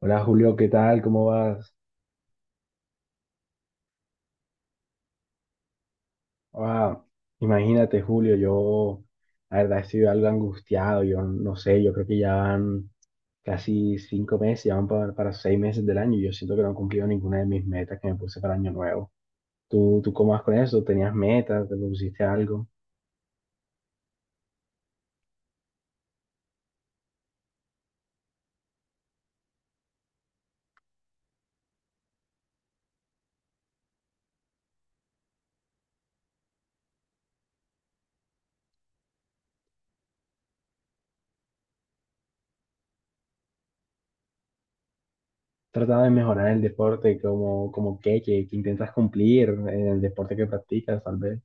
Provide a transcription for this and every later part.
Hola Julio, ¿qué tal? ¿Cómo vas? Ah, imagínate Julio, yo la verdad estoy algo angustiado, yo no sé, yo creo que ya van casi 5 meses, ya van para 6 meses del año y yo siento que no he cumplido ninguna de mis metas que me puse para año nuevo. ¿Tú cómo vas con eso? ¿Tenías metas? ¿Te pusiste algo? ¿Trataba de mejorar el deporte? ¿Como qué? ¿Qué intentas cumplir en el deporte que practicas tal vez?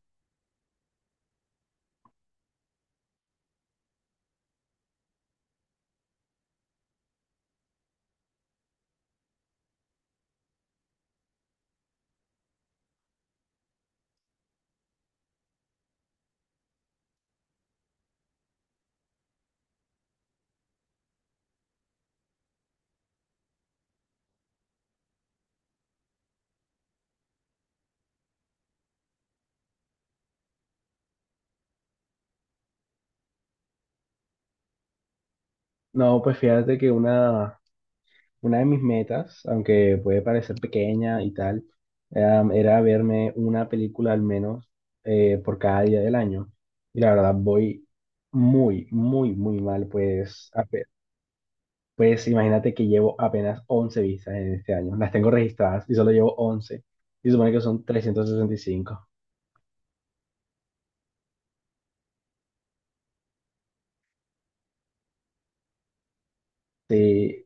No, pues fíjate que una de mis metas, aunque puede parecer pequeña y tal, era verme una película al menos por cada día del año. Y la verdad voy muy, muy, muy mal, pues imagínate que llevo apenas 11 vistas en este año. Las tengo registradas y solo llevo 11. Y supone que son 365. Sí,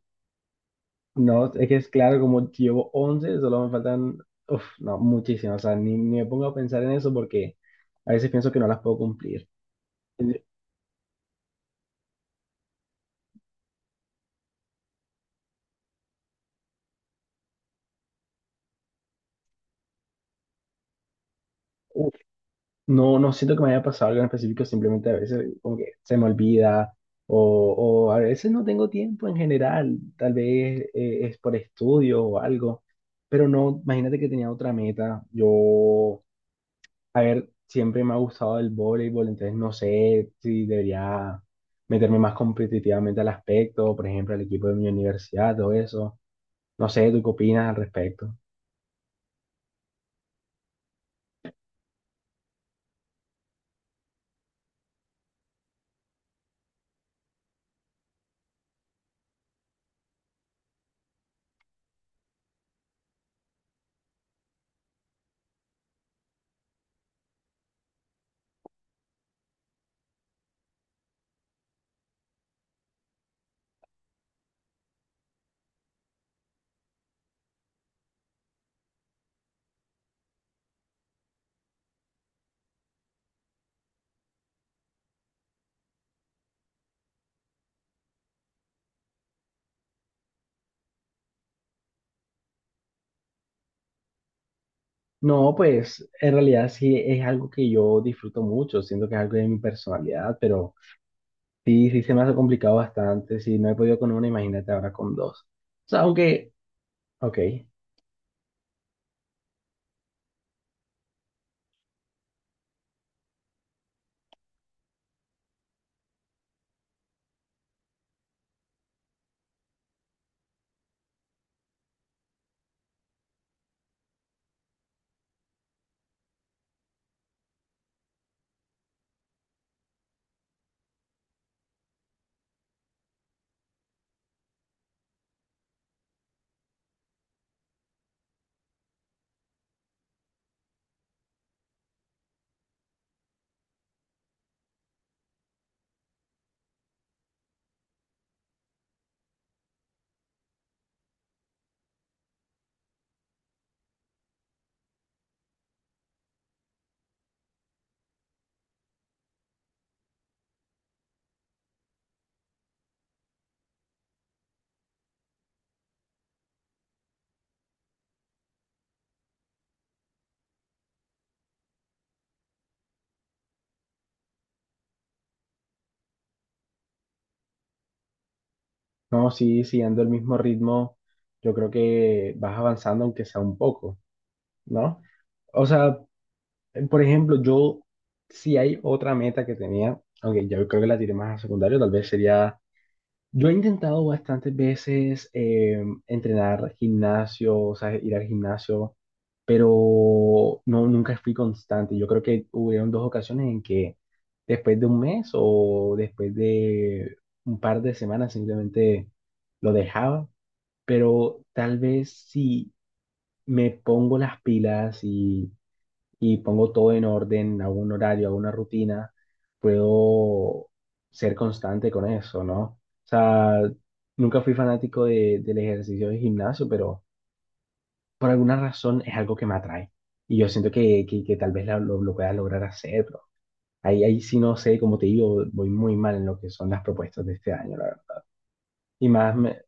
no, es que es claro, como llevo 11 solo me faltan, uf, no, muchísimas. O sea, ni me pongo a pensar en eso porque a veces pienso que no las puedo cumplir. Uf, no, no siento que me haya pasado algo en específico, simplemente a veces como que se me olvida o, o a veces no tengo tiempo en general, tal vez es por estudio o algo, pero no, imagínate que tenía otra meta, yo, a ver, siempre me ha gustado el voleibol, entonces no sé si debería meterme más competitivamente al aspecto, por ejemplo, al equipo de mi universidad, todo eso, no sé, ¿tú qué opinas al respecto? No, pues en realidad sí es algo que yo disfruto mucho, siento que es algo de mi personalidad, pero sí, sí se me ha complicado bastante, si no he podido con una, imagínate ahora con dos. O sea, aunque, ok, no, sí, siguiendo el mismo ritmo, yo creo que vas avanzando aunque sea un poco, ¿no? O sea, por ejemplo, yo, si hay otra meta que tenía, aunque yo creo que la tiré más a secundario, tal vez sería. Yo he intentado bastantes veces entrenar gimnasio, o sea, ir al gimnasio, pero no, nunca fui constante. Yo creo que hubieron dos ocasiones en que después de un mes o después de un par de semanas simplemente lo dejaba, pero tal vez si me pongo las pilas y pongo todo en orden, hago un horario, hago una rutina, puedo ser constante con eso, ¿no? O sea, nunca fui fanático de, del ejercicio de gimnasio, pero por alguna razón es algo que me atrae. Y yo siento que tal vez lo pueda lograr hacer, pero ahí sí no sé, como te digo, voy muy mal en lo que son las propuestas de este año, la verdad. Y más, me-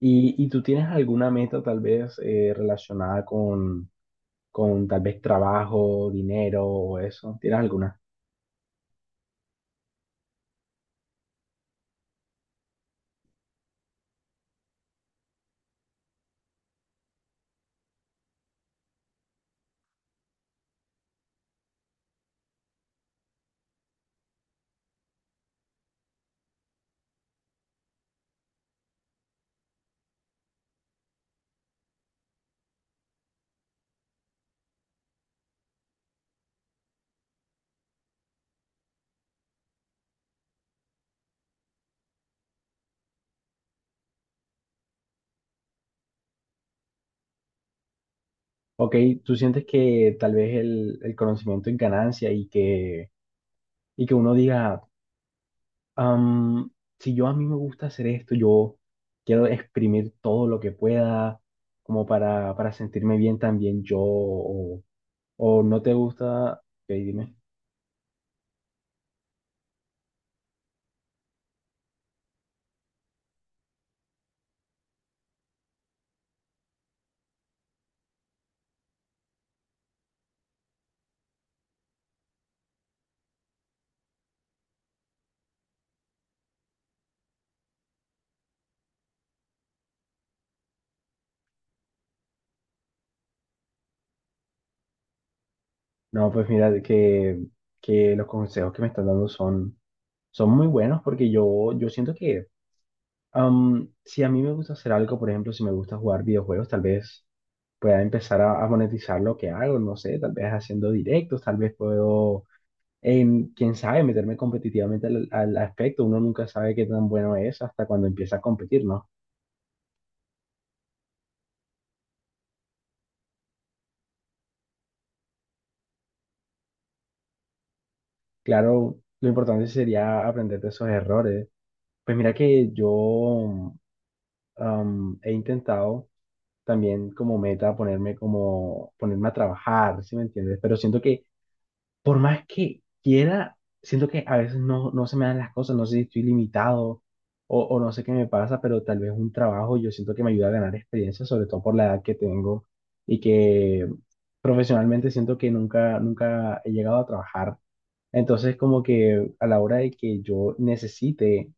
¿Y tú tienes alguna meta tal vez relacionada con tal vez trabajo, dinero o eso? ¿Tienes alguna? Ok, ¿tú sientes que tal vez el conocimiento en ganancia y que uno diga, "Am, si yo a mí me gusta hacer esto, yo quiero exprimir todo lo que pueda como para sentirme bien también yo, o no te gusta, ok, dime. No, pues mira, de que los consejos que me están dando son muy buenos porque yo siento que si a mí me gusta hacer algo, por ejemplo, si me gusta jugar videojuegos, tal vez pueda empezar a monetizar lo que hago, no sé, tal vez haciendo directos, tal vez puedo, en, quién sabe, meterme competitivamente al aspecto, uno nunca sabe qué tan bueno es hasta cuando empieza a competir, ¿no? Claro, lo importante sería aprender de esos errores. Pues mira que yo he intentado también como meta ponerme a trabajar, ¿sí me entiendes? Pero siento que por más que quiera, siento que a veces no, no se me dan las cosas, no sé si estoy limitado o no sé qué me pasa, pero tal vez un trabajo yo siento que me ayuda a ganar experiencia, sobre todo por la edad que tengo y que profesionalmente siento que nunca, nunca he llegado a trabajar, entonces, como que a la hora de que yo necesite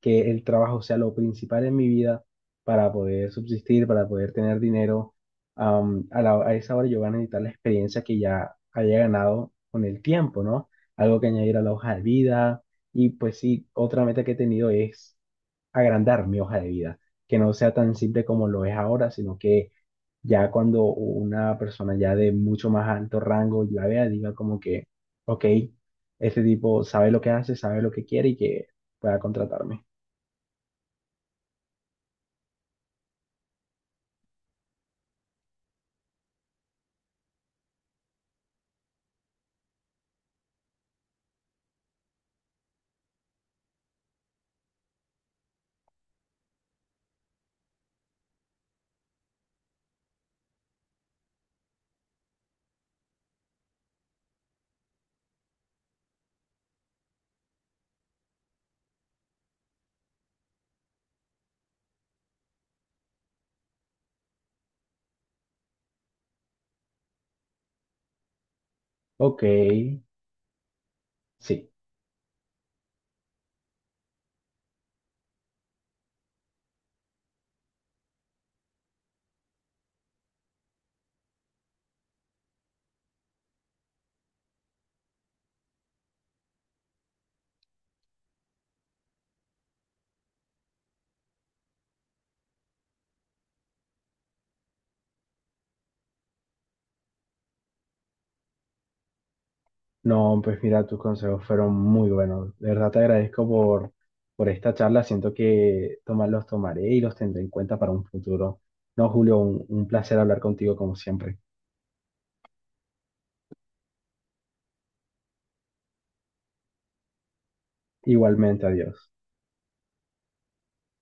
que el trabajo sea lo principal en mi vida para poder subsistir, para poder tener dinero, a esa hora yo voy a necesitar la experiencia que ya haya ganado con el tiempo, ¿no? Algo que añadir a la hoja de vida. Y pues sí, otra meta que he tenido es agrandar mi hoja de vida, que no sea tan simple como lo es ahora, sino que ya cuando una persona ya de mucho más alto rango la vea, diga como que, ok, este tipo sabe lo que hace, sabe lo que quiere y que pueda contratarme. Ok, sí. No, pues mira, tus consejos fueron muy buenos. De verdad te agradezco por esta charla. Siento que tomar, los tomaré y los tendré en cuenta para un futuro. No, Julio, un placer hablar contigo como siempre. Igualmente, adiós.